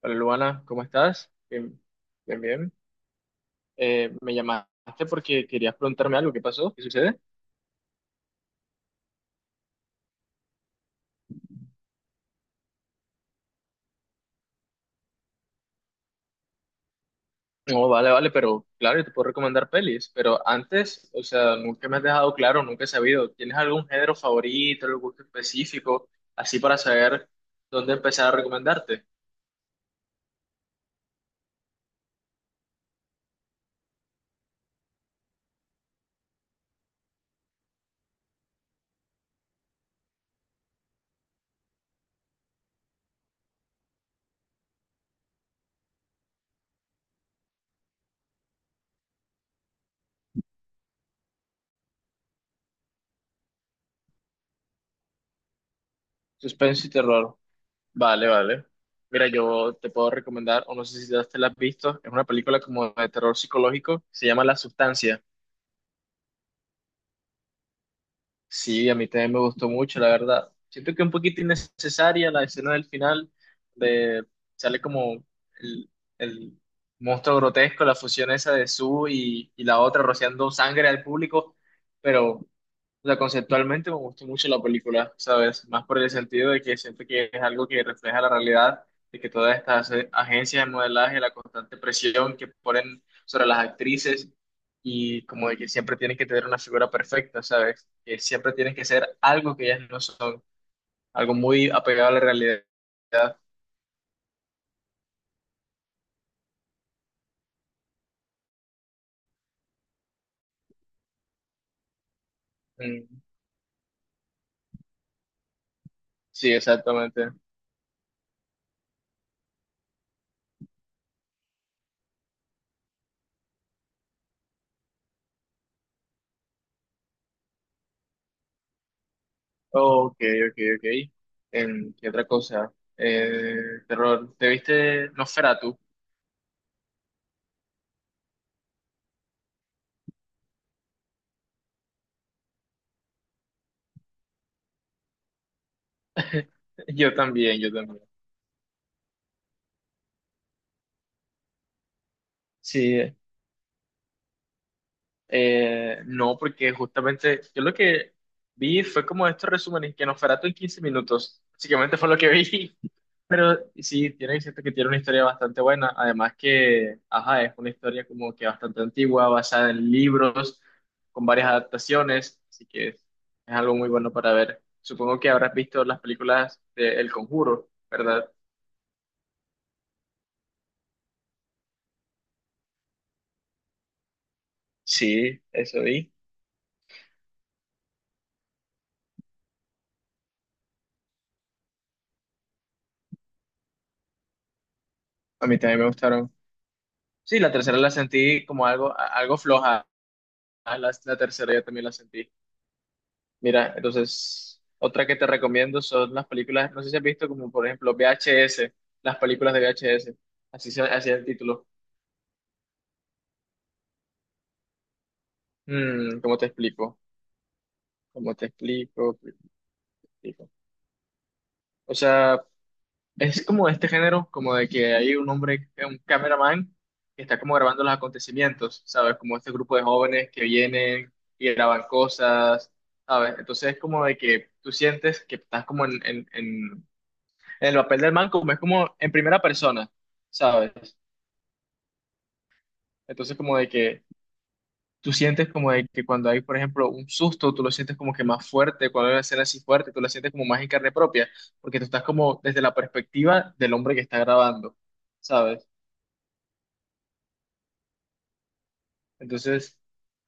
Hola Luana, ¿cómo estás? Bien, bien. Me llamaste porque querías preguntarme algo. ¿Qué pasó? ¿Qué sucede? No, vale, vale, pero claro, yo te puedo recomendar pelis, pero antes, o sea, nunca me has dejado claro, nunca he sabido. ¿Tienes algún género favorito, algún gusto específico, así para saber dónde empezar a recomendarte? Suspenso y terror. Vale, vale. Mira, yo te puedo recomendar, o no sé si ya te la has visto, es una película como de terror psicológico, se llama La Sustancia. Sí, a mí también me gustó mucho, la verdad. Siento que un poquito innecesaria la escena del final, de sale como el, el monstruo grotesco, la fusión esa de Sue y la otra rociando sangre al público, pero o sea, conceptualmente me gustó mucho la película, ¿sabes? Más por el sentido de que siento que es algo que refleja la realidad, de que todas estas agencias de modelaje, la constante presión que ponen sobre las actrices y como de que siempre tienen que tener una figura perfecta, ¿sabes? Que siempre tienen que ser algo que ellas no son, algo muy apegado a la realidad. Mm, sí, exactamente. Ok, ok, ok. ¿Qué otra cosa? Eh, Terror. ¿Te viste Nosferatu? Yo también, yo también. Sí, no, porque justamente yo lo que vi fue como estos resúmenes que Nosferatu en 15 minutos, básicamente fue lo que vi, pero sí, tiene cierto que tiene una historia bastante buena, además que, ajá, es una historia como que bastante antigua, basada en libros, con varias adaptaciones, así que es algo muy bueno para ver. Supongo que habrás visto las películas de El Conjuro, ¿verdad? Sí, eso vi. A mí también me gustaron. Sí, la tercera la sentí como algo, algo floja. Ah, la tercera yo también la sentí. Mira, entonces, otra que te recomiendo son las películas, no sé si has visto como por ejemplo VHS, las películas de VHS, así es el título. Mm, ¿cómo te explico? ¿Cómo te explico? ¿Cómo te explico? O sea, es como este género, como de que hay un hombre, un cameraman, que está como grabando los acontecimientos, ¿sabes? Como este grupo de jóvenes que vienen y graban cosas, ¿sabes? Entonces es como de que tú sientes que estás como en el papel del man como es como en primera persona, ¿sabes? Entonces como de que tú sientes como de que cuando hay, por ejemplo, un susto, tú lo sientes como que más fuerte, cuando hay una escena así fuerte, tú la sientes como más en carne propia, porque tú estás como desde la perspectiva del hombre que está grabando, ¿sabes? Entonces,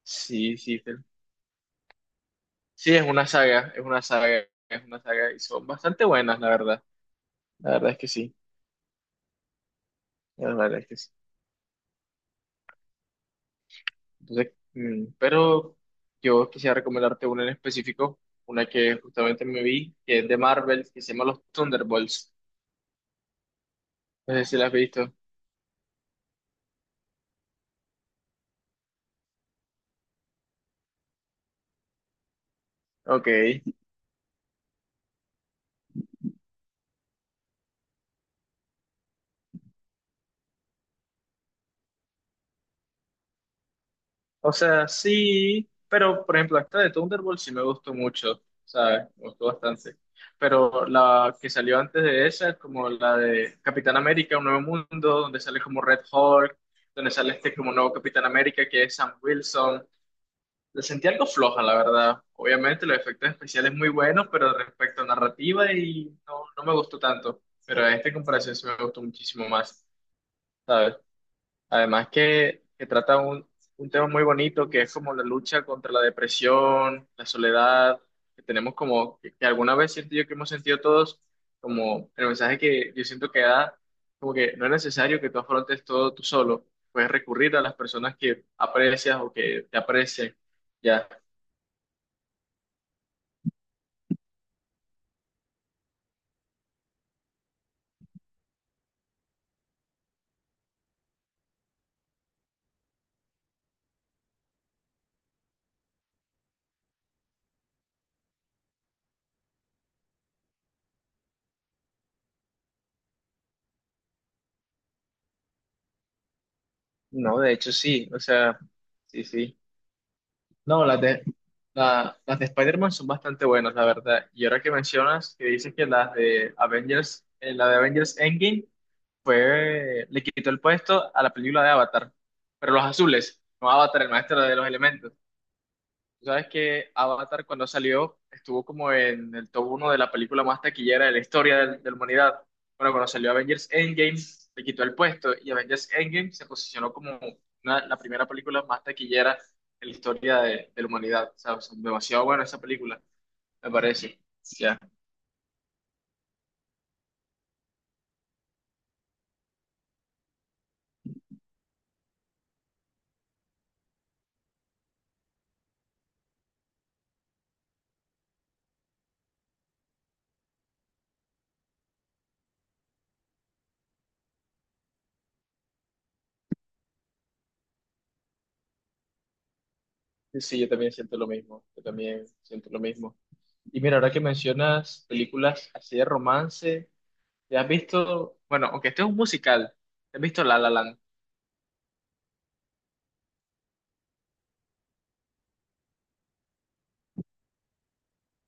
sí, sí, sí, es una saga, es una saga, es una saga y son bastante buenas, la verdad. La verdad es que sí, la verdad es que sí. Entonces, mm, pero yo quisiera recomendarte una en específico, una que justamente me vi, que es de Marvel, que se llama Los Thunderbolts. No sé si la has visto. Ok. O sea, sí, pero por ejemplo, esta de Thunderbolts sí me gustó mucho, ¿sabes? Me gustó bastante. Pero la que salió antes de esa es como la de Capitán América, Un Nuevo Mundo, donde sale como Red Hulk, donde sale este como nuevo Capitán América que es Sam Wilson. La sentí algo floja, la verdad. Obviamente los efectos especiales muy buenos, pero respecto a narrativa y no, no me gustó tanto. Pero a esta comparación sí me gustó muchísimo más, ¿sabes? Además que trata un tema muy bonito que es como la lucha contra la depresión, la soledad, que tenemos como, que alguna vez siento yo que hemos sentido todos, como el mensaje que yo siento que da, como que no es necesario que tú afrontes todo tú solo. Puedes recurrir a las personas que aprecias o que te aprecian. Ya. No, de hecho sí, o sea, sí, sí. No, las de, las de Spider-Man son bastante buenas, la verdad. Y ahora que mencionas, que dices que las de Avengers, la de Avengers Endgame fue, le quitó el puesto a la película de Avatar, pero los azules, no Avatar, el maestro de los elementos. Sabes que Avatar cuando salió estuvo como en el top uno de la película más taquillera de la historia de la humanidad. Bueno, cuando salió Avengers Endgame le quitó el puesto y Avengers Endgame se posicionó como la primera película más taquillera en la historia de la humanidad. O sea, es demasiado buena esa película, me parece. Ya. Sí, sí, yo también siento lo mismo. Yo también siento lo mismo. Y mira, ahora que mencionas películas así de romance, ¿te has visto? Bueno, aunque este es un musical, ¿te has visto La La Land?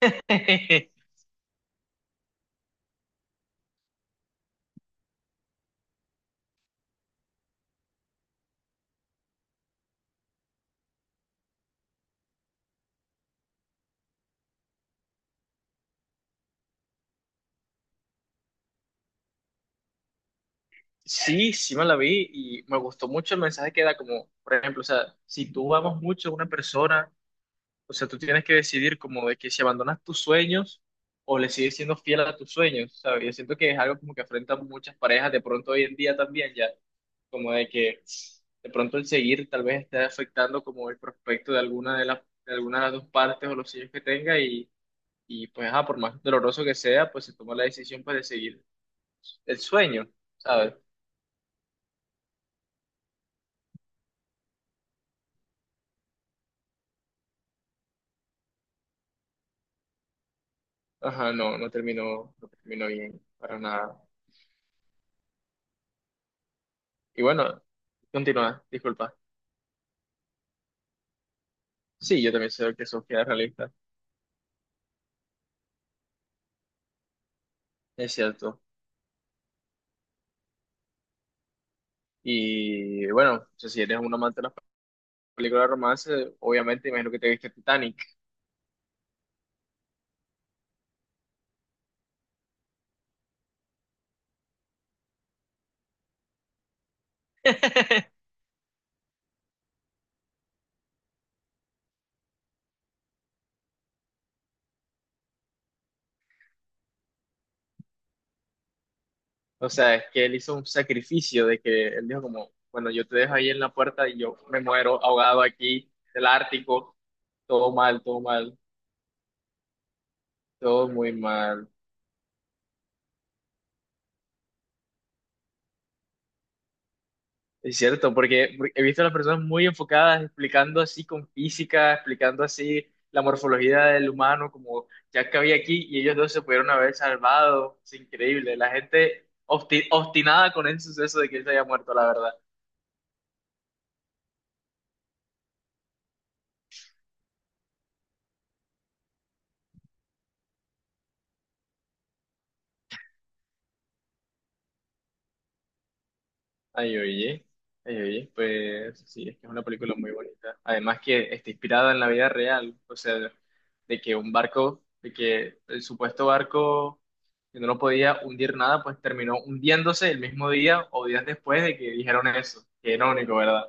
Sí, sí me la vi y me gustó mucho el mensaje que da como, por ejemplo, o sea, si tú amas mucho a una persona, o sea, tú tienes que decidir como de que si abandonas tus sueños o le sigues siendo fiel a tus sueños, ¿sabes? Yo siento que es algo como que afrontan muchas parejas de pronto hoy en día también ya, como de que de pronto el seguir tal vez esté afectando como el prospecto de alguna de las de alguna de las dos partes o los sueños que tenga y pues, ah, por más doloroso que sea, pues se toma la decisión pues de seguir el sueño, ¿sabes? Ajá, no, no terminó bien, para nada. Y bueno, continúa, disculpa. Sí, yo también sé que Sofía es realista, es cierto. Y bueno, o sea, si eres un amante de las películas de romance, obviamente imagino que te viste Titanic. O sea, es que él hizo un sacrificio de que él dijo como, bueno, yo te dejo ahí en la puerta y yo me muero ahogado aquí, del Ártico, todo mal, todo mal, todo muy mal. Es cierto, porque he visto a las personas muy enfocadas explicando así con física, explicando así la morfología del humano, como ya que había aquí, y ellos dos se pudieron haber salvado. Es increíble, la gente obstinada con el suceso de que él se haya muerto, la verdad. Ay, oye, ay, oye, pues sí, es que es una película muy bonita. Además que está inspirada en la vida real, o sea, de que un barco, de que el supuesto barco que no lo podía hundir nada, pues terminó hundiéndose el mismo día o días después de que dijeron eso. Qué irónico, ¿verdad?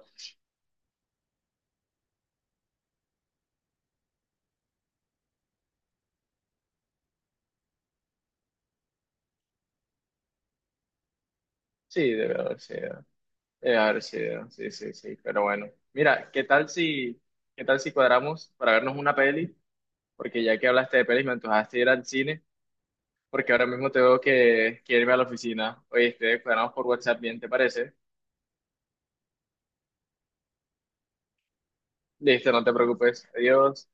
Sí, debe haber sido, sí, sí, sí, pero bueno. Mira, ¿qué tal si cuadramos para vernos una peli? Porque ya que hablaste de pelis, me antojaste ir al cine. Porque ahora mismo tengo que irme a la oficina. Oíste, quedamos por WhatsApp bien, ¿te parece? Listo, no te preocupes. Adiós.